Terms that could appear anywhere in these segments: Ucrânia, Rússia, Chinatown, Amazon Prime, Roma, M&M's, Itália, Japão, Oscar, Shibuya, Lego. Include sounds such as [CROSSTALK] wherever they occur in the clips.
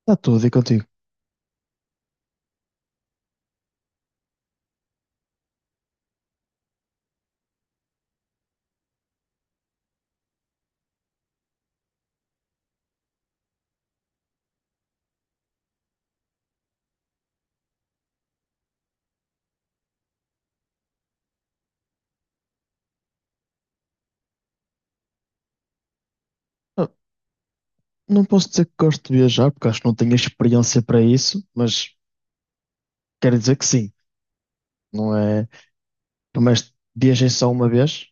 Está tudo, e contigo? Ah, Não posso dizer que gosto de viajar, porque acho que não tenho experiência para isso, mas quero dizer que sim. Não é. Por mais menos viajei só uma vez,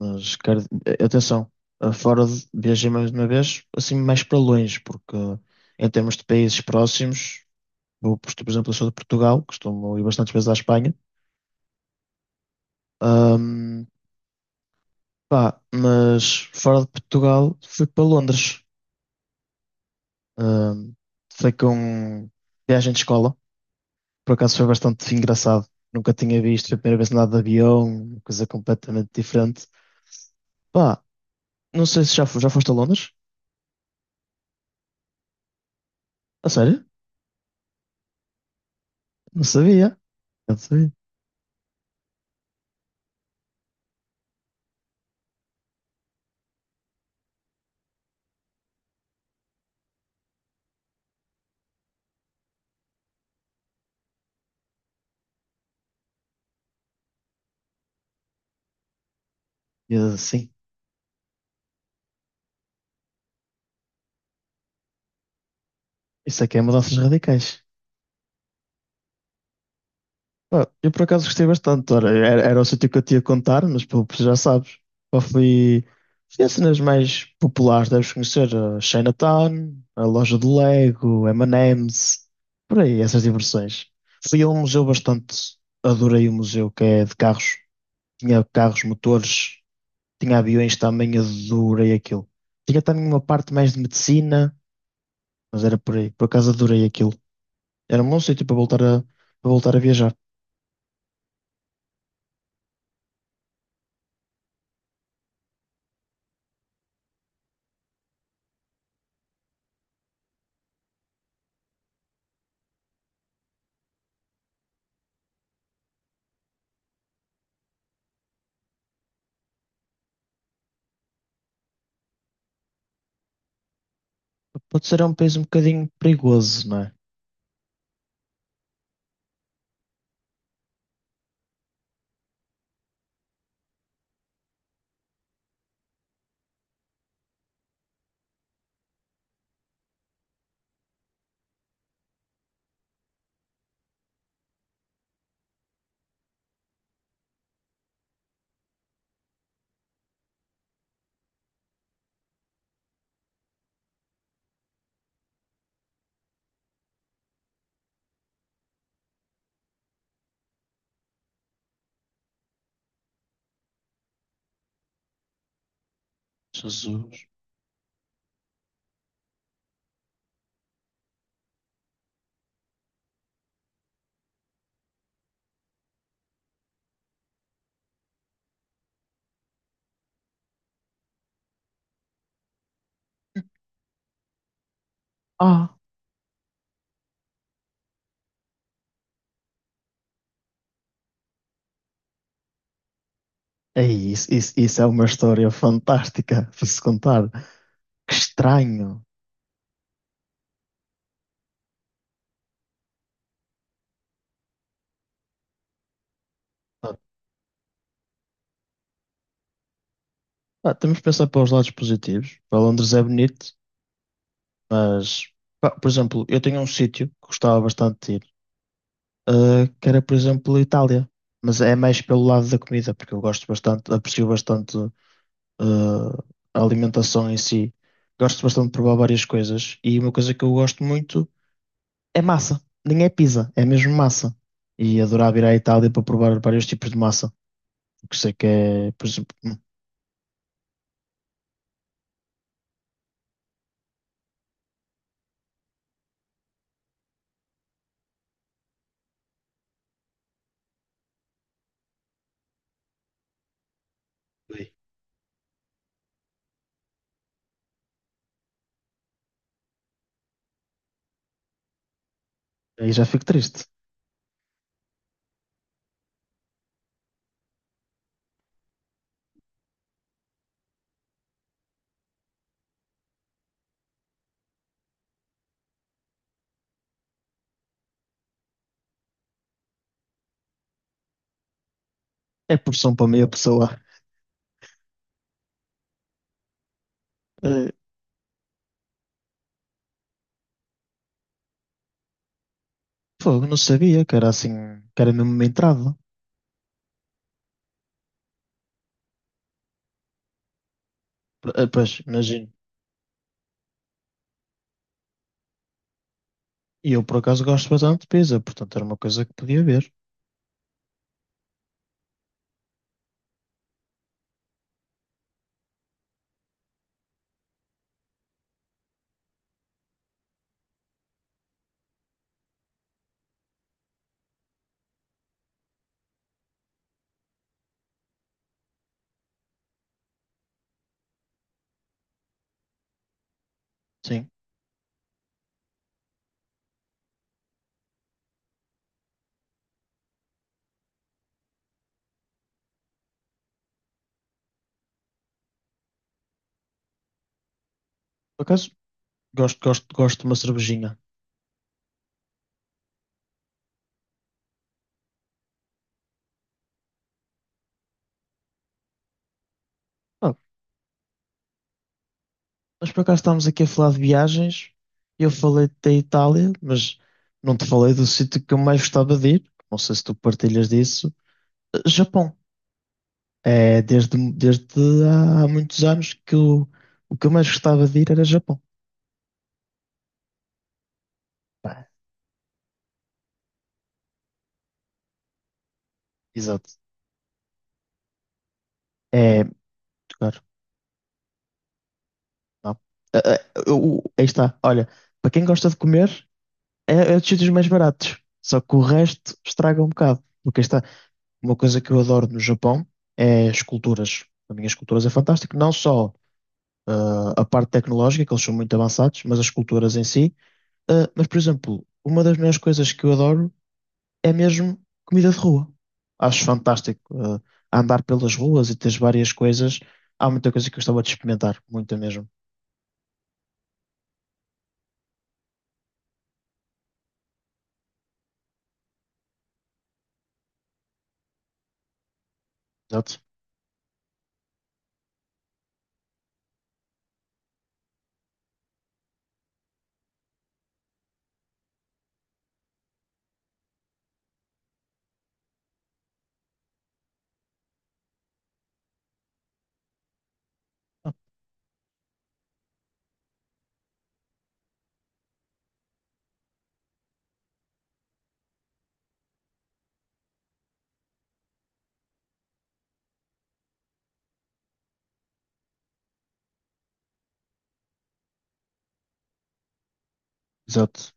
mas quero. Atenção, fora de viajei mais uma vez, assim, mais para longe, porque em termos de países próximos, vou, por exemplo, eu sou de Portugal, costumo ir bastantes vezes à Espanha. Ahm, Pá, mas fora de Portugal, fui para Londres. Ahm, Foi com viagem de escola. Por acaso foi bastante engraçado. Nunca tinha visto, foi a primeira vez que andava de avião, uma coisa completamente diferente. Pá, não sei se já, já foste a Londres? A sério? Não sabia. Não sabia. E eu, sim, isso aqui é mudanças radicais. Pá, eu por acaso gostei bastante. Ora, era, era o sítio que eu te ia contar, mas pô, já sabes. Pá, fui a cenas mais populares, deves conhecer a Chinatown, a loja de Lego, M&M's, por aí, essas diversões. Fui a um museu bastante. Adorei o museu que é de carros. Tinha carros, motores, tinha aviões também, adorei aquilo. Tinha também uma parte mais de medicina, mas era por aí. Por acaso adorei aquilo. Era um bom sítio para voltar a, Para voltar a viajar. Pode ser um país um bocadinho perigoso, não é? Jesus. Ah, isso é uma história fantástica [LAUGHS] para se contar. Que estranho. Ah, temos de pensar para os lados positivos. Para Londres é bonito, mas, pá, por exemplo, eu tenho um sítio que gostava bastante de ir. Que era, por exemplo, a Itália. Mas é mais pelo lado da comida, porque eu gosto bastante, aprecio bastante a alimentação em si. Gosto bastante de provar várias coisas. E uma coisa que eu gosto muito é massa. Nem é pizza, é mesmo massa. E adorava ir à Itália para provar vários tipos de massa. Porque sei que é, por exemplo, ui, aí já fico triste. É porção para meia pessoa. Uh, Fogo, não sabia que era assim, que era mesmo uma entrada. Pois, imagino. E eu, por acaso, gosto bastante de pizza, portanto era uma coisa que podia ver. Sim, por acaso, gosto de uma cervejinha. Ah, mas por acaso estamos aqui a falar de viagens. Eu falei da Itália, mas não te falei do sítio que eu mais gostava de ir. Não sei se tu partilhas disso. Eh, Japão. É desde há muitos anos que eu, o que eu mais gostava de ir era Japão. Pá, exato. É, claro, não. Aí está. Olha, para quem gosta de comer. É, é dos sítios mais baratos. Só que o resto estraga um bocado. Porque aí está uma coisa que eu adoro no Japão é esculturas. Para mim, as esculturas é fantástico. Não só a parte tecnológica, que eles são muito avançados, mas as esculturas em si. Ah, mas, por exemplo, uma das melhores coisas que eu adoro é mesmo comida de rua. Acho fantástico, andar pelas ruas e teres várias coisas. Há muita coisa que eu gostava de experimentar. Muita mesmo. Exato. Exato.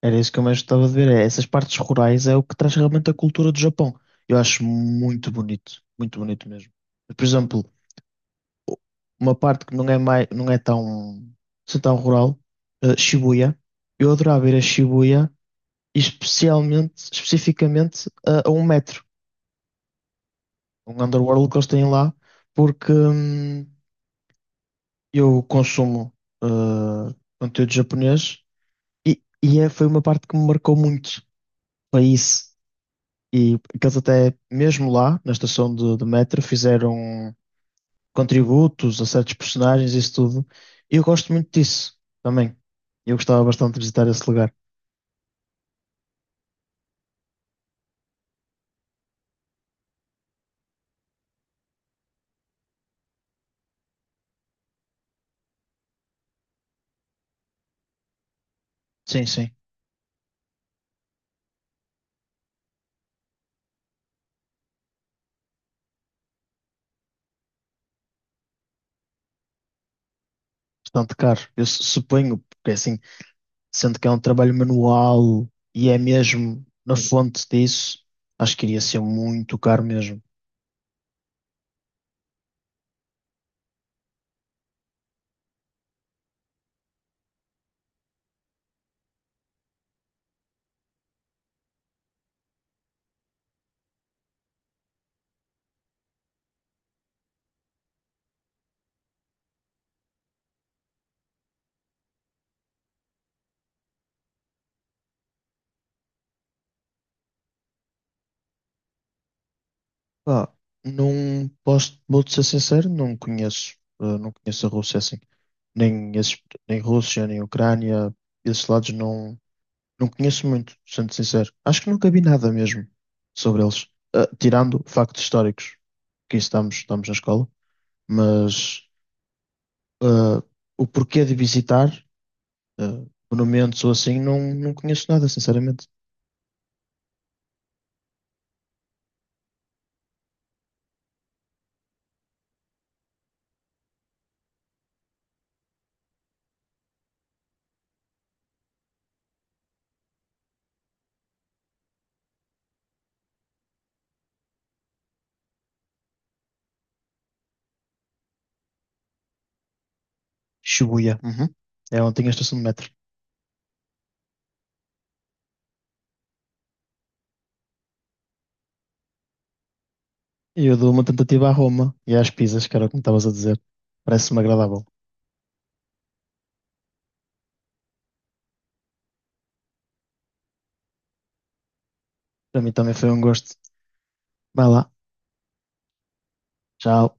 Era isso que eu mais gostava de ver. É, essas partes rurais é o que traz realmente a cultura do Japão. Eu acho muito bonito mesmo. Por exemplo, uma parte que não é mais, não é tão, assim tão rural, eh, Shibuya. Eu adorava ir a Shibuya, especificamente a um metro, um underworld que eles têm lá, porque eu consumo eh, conteúdo japonês e é, foi uma parte que me marcou muito. Foi isso. E que eles até, mesmo lá, na estação de metro, fizeram contributos a certos personagens e isso tudo. E eu gosto muito disso também. Eu gostava bastante de visitar esse lugar. Sim, sim. Bastante caro. Eu suponho, porque assim, sendo que é um trabalho manual e é mesmo na fonte disso, acho que iria ser muito caro mesmo. Pá, não posso, vou-te ser sincero, não conheço. Não conheço a Rússia assim. Nem, esses, nem Rússia, nem Ucrânia, esses lados não. Não conheço muito, sendo sincero. Acho que nunca vi nada mesmo sobre eles. Ah, tirando factos históricos, que isso estamos, estamos na escola, mas ah, o porquê de visitar ah, monumentos ou assim, não, não conheço nada, sinceramente. Shibuya, uhum. É onde tem a estação de metro. E eu dou uma tentativa à Roma e às pizzas, que era o que me estavas a dizer. Parece-me agradável. Para mim também foi um gosto. Vai lá, tchau.